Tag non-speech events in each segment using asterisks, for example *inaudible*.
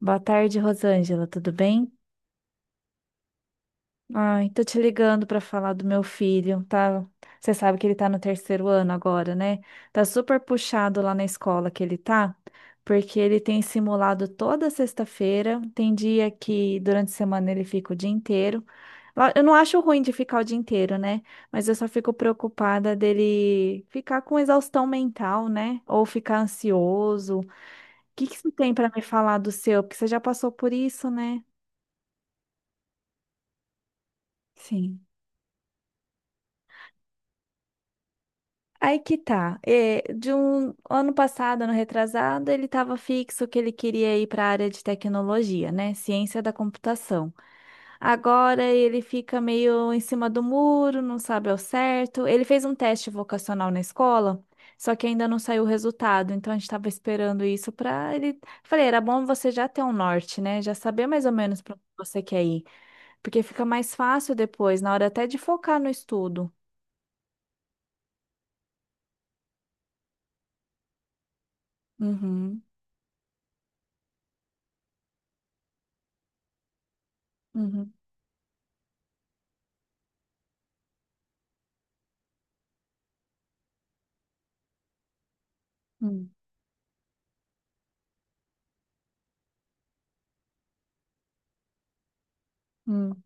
Boa tarde, Rosângela, tudo bem? Ai, tô te ligando pra falar do meu filho, tá? Você sabe que ele tá no terceiro ano agora, né? Tá super puxado lá na escola que ele tá, porque ele tem simulado toda sexta-feira, tem dia que durante a semana ele fica o dia inteiro. Eu não acho ruim de ficar o dia inteiro, né? Mas eu só fico preocupada dele ficar com exaustão mental, né? Ou ficar ansioso. O que que você tem pra me falar do seu? Porque você já passou por isso, né? Sim. Aí que tá. É, de um ano passado, ano retrasado, ele estava fixo que ele queria ir para a área de tecnologia, né? Ciência da computação. Agora ele fica meio em cima do muro, não sabe ao certo. Ele fez um teste vocacional na escola, só que ainda não saiu o resultado. Então a gente estava esperando isso para ele. Falei, era bom você já ter um norte, né? Já saber mais ou menos para onde você quer ir, porque fica mais fácil depois, na hora até de focar no estudo. Uhum, uhum, uhum. Uhum.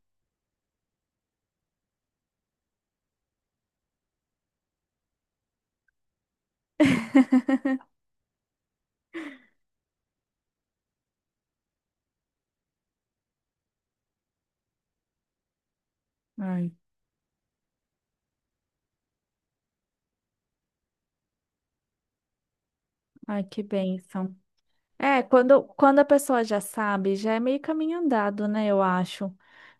*laughs* Ai, ai, que bênção. É, quando a pessoa já sabe, já é meio caminho andado, né? Eu acho.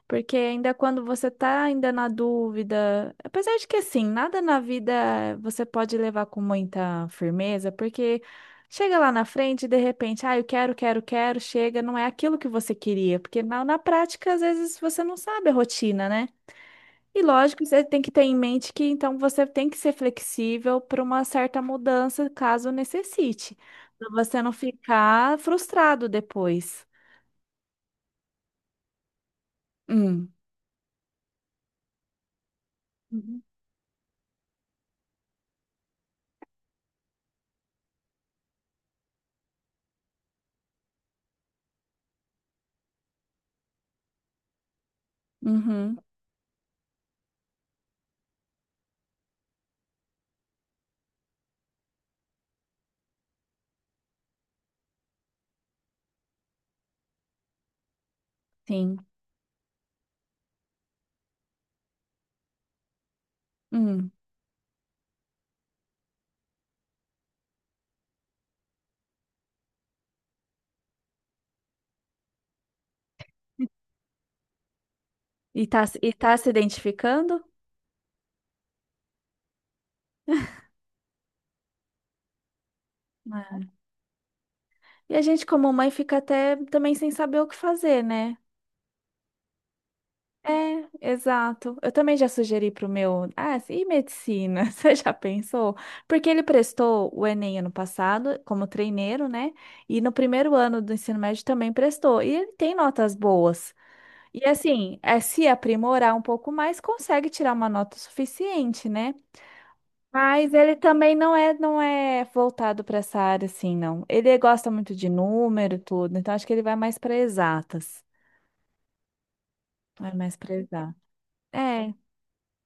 Porque ainda quando você tá ainda na dúvida, apesar de que assim, nada na vida você pode levar com muita firmeza, porque chega lá na frente e de repente, ah, eu quero, quero, quero, chega, não é aquilo que você queria, porque na prática às vezes você não sabe a rotina, né? E lógico, você tem que ter em mente que então você tem que ser flexível para uma certa mudança, caso necessite, para você não ficar frustrado depois. Hum. Uhum. Uhum. Sim. Hum. E tá se identificando? É. E a gente, como mãe, fica até também sem saber o que fazer, né? É, exato. Eu também já sugeri pro meu, ah, e medicina? *laughs* Você já pensou? Porque ele prestou o Enem ano passado como treineiro, né? E no primeiro ano do ensino médio também prestou. E ele tem notas boas. E assim, é se aprimorar um pouco mais, consegue tirar uma nota suficiente, né? Mas ele também não é voltado para essa área assim, não. Ele gosta muito de número e tudo, então acho que ele vai mais para exatas. Vai mais para exatas. É,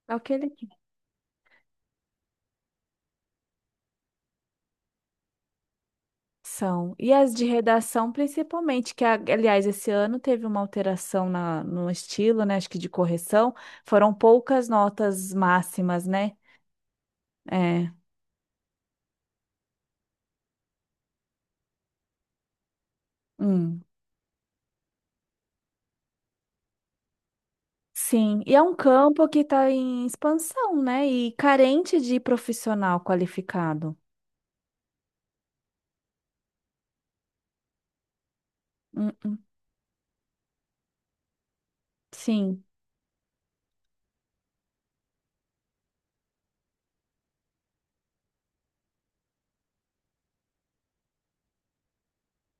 é o que ele. São. E as de redação, principalmente, que, aliás, esse ano teve uma alteração no estilo, né? Acho que de correção. Foram poucas notas máximas, né? É. Hum. Sim. E é um campo que está em expansão, né? E carente de profissional qualificado. Hum, hum. Sim,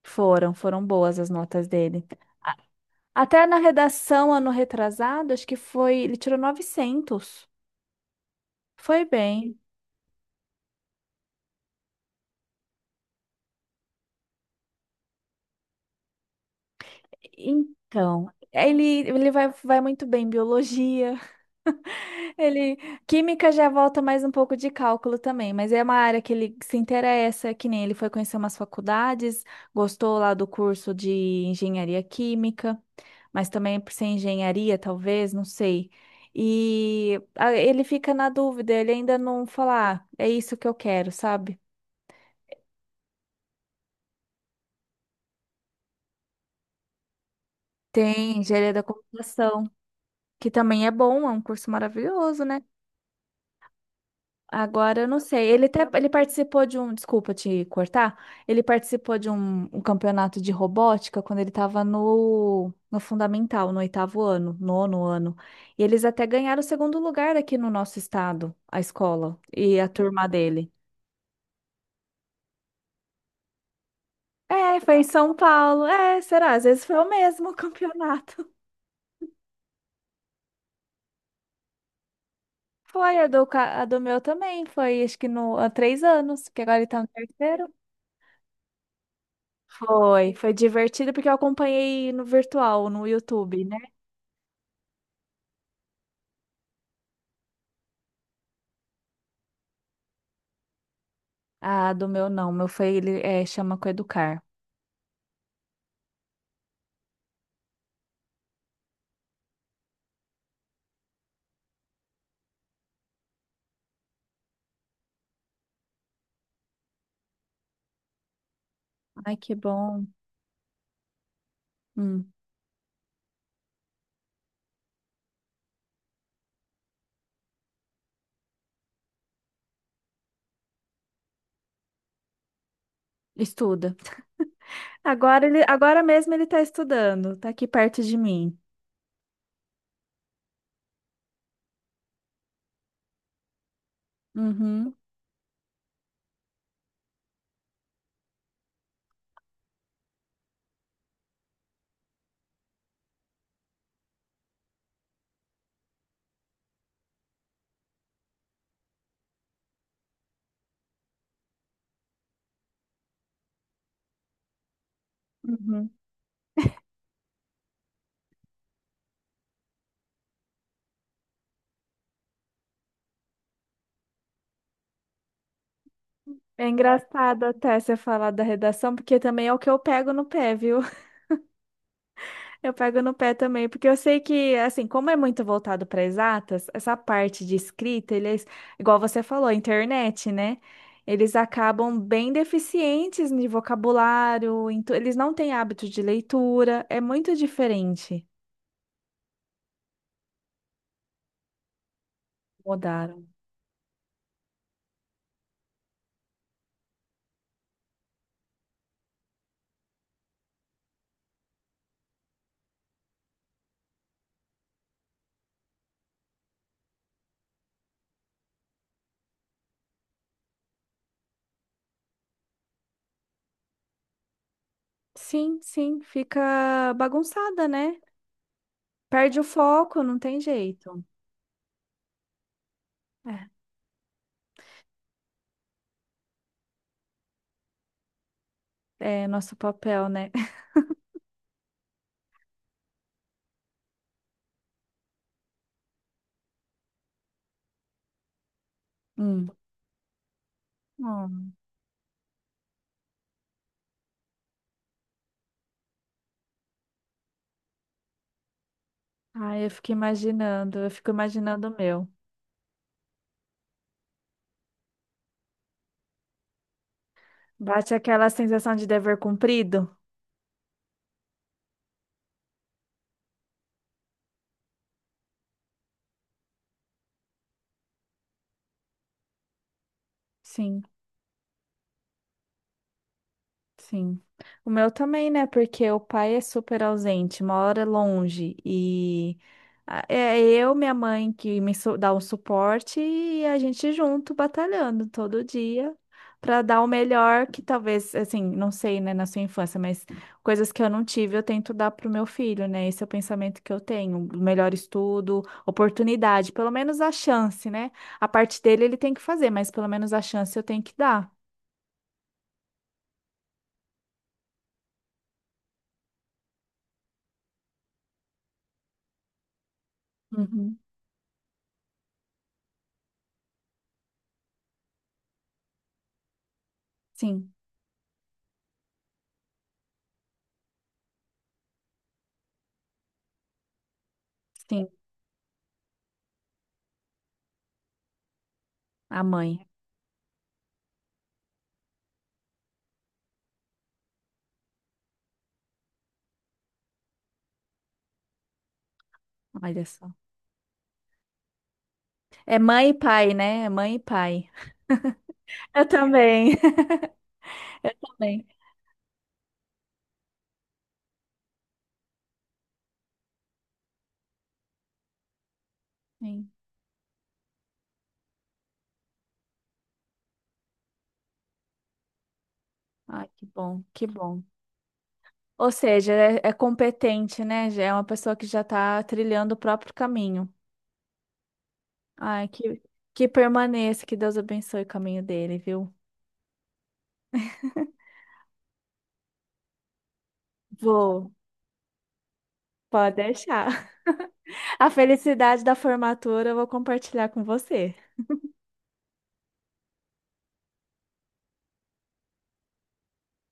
foram. Foram boas as notas dele. Até na redação, ano retrasado, acho que foi. Ele tirou 900. Foi bem. Então, ele vai, vai muito bem em biologia. *laughs* Ele, química já volta mais um pouco de cálculo também, mas é uma área que ele se interessa, que nem ele foi conhecer umas faculdades, gostou lá do curso de engenharia química, mas também por ser engenharia, talvez, não sei. E ah, ele fica na dúvida, ele ainda não fala, "Ah, é isso que eu quero, sabe?" Tem engenharia da computação, que também é bom, é um curso maravilhoso, né? Agora eu não sei. Ele até ele participou de um, desculpa te cortar. Ele participou de um campeonato de robótica quando ele estava no fundamental, no oitavo ano, nono ano. E eles até ganharam o segundo lugar aqui no nosso estado, a escola e a turma dele. É, foi em São Paulo. É, será? Às vezes foi o mesmo *laughs* campeonato. Foi, a do, a do meu também. Foi, acho que no, há 3 anos, que agora ele tá no terceiro. Foi divertido porque eu acompanhei no virtual, no YouTube. Ah, do meu não. Meu foi, ele é, chama Coeducar. Ai, que bom. Hum, estuda. Agora ele, agora mesmo ele tá estudando, tá aqui perto de mim. Uhum, uhum. É engraçado até você falar da redação, porque também é o que eu pego no pé, viu? Eu pego no pé também, porque eu sei que, assim, como é muito voltado para exatas, essa parte de escrita, eles, igual você falou, a internet, né? Eles acabam bem deficientes em vocabulário, em eles não têm hábito de leitura, é muito diferente. Mudaram. Sim, sim, fica bagunçada, né? Perde o foco, não tem jeito. É, é nosso papel, né? *laughs* Hum. Hum. Ai, eu fico imaginando o meu. Bate aquela sensação de dever cumprido? Sim. Sim. O meu também, né? Porque o pai é super ausente, mora longe e é eu, minha mãe, que me dá o suporte e a gente junto batalhando todo dia para dar o melhor que talvez, assim, não sei, né, na sua infância, mas coisas que eu não tive, eu tento dar pro meu filho, né? Esse é o pensamento que eu tenho, o melhor estudo, oportunidade, pelo menos a chance, né? A parte dele ele tem que fazer, mas pelo menos a chance eu tenho que dar. Uhum. Sim. Sim. A mãe, olha só. É mãe e pai, né? É mãe e pai. Eu também. *laughs* Também. Sim. Ai, que bom, que bom. Ou seja, é competente, né? Já é uma pessoa que já está trilhando o próprio caminho. Ai, que permaneça, que Deus abençoe o caminho dele, viu? Vou, pode deixar. *laughs* A felicidade da formatura eu vou compartilhar com você.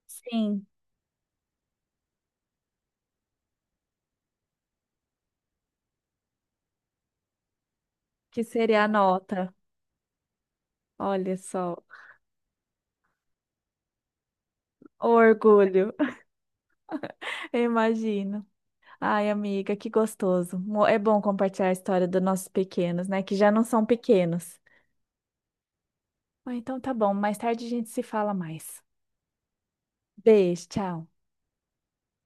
Sim, que seria a nota. Olha só, o orgulho, *laughs* eu imagino. Ai, amiga, que gostoso. É bom compartilhar a história dos nossos pequenos, né? Que já não são pequenos. Ah, então tá bom, mais tarde a gente se fala mais. Beijo, tchau.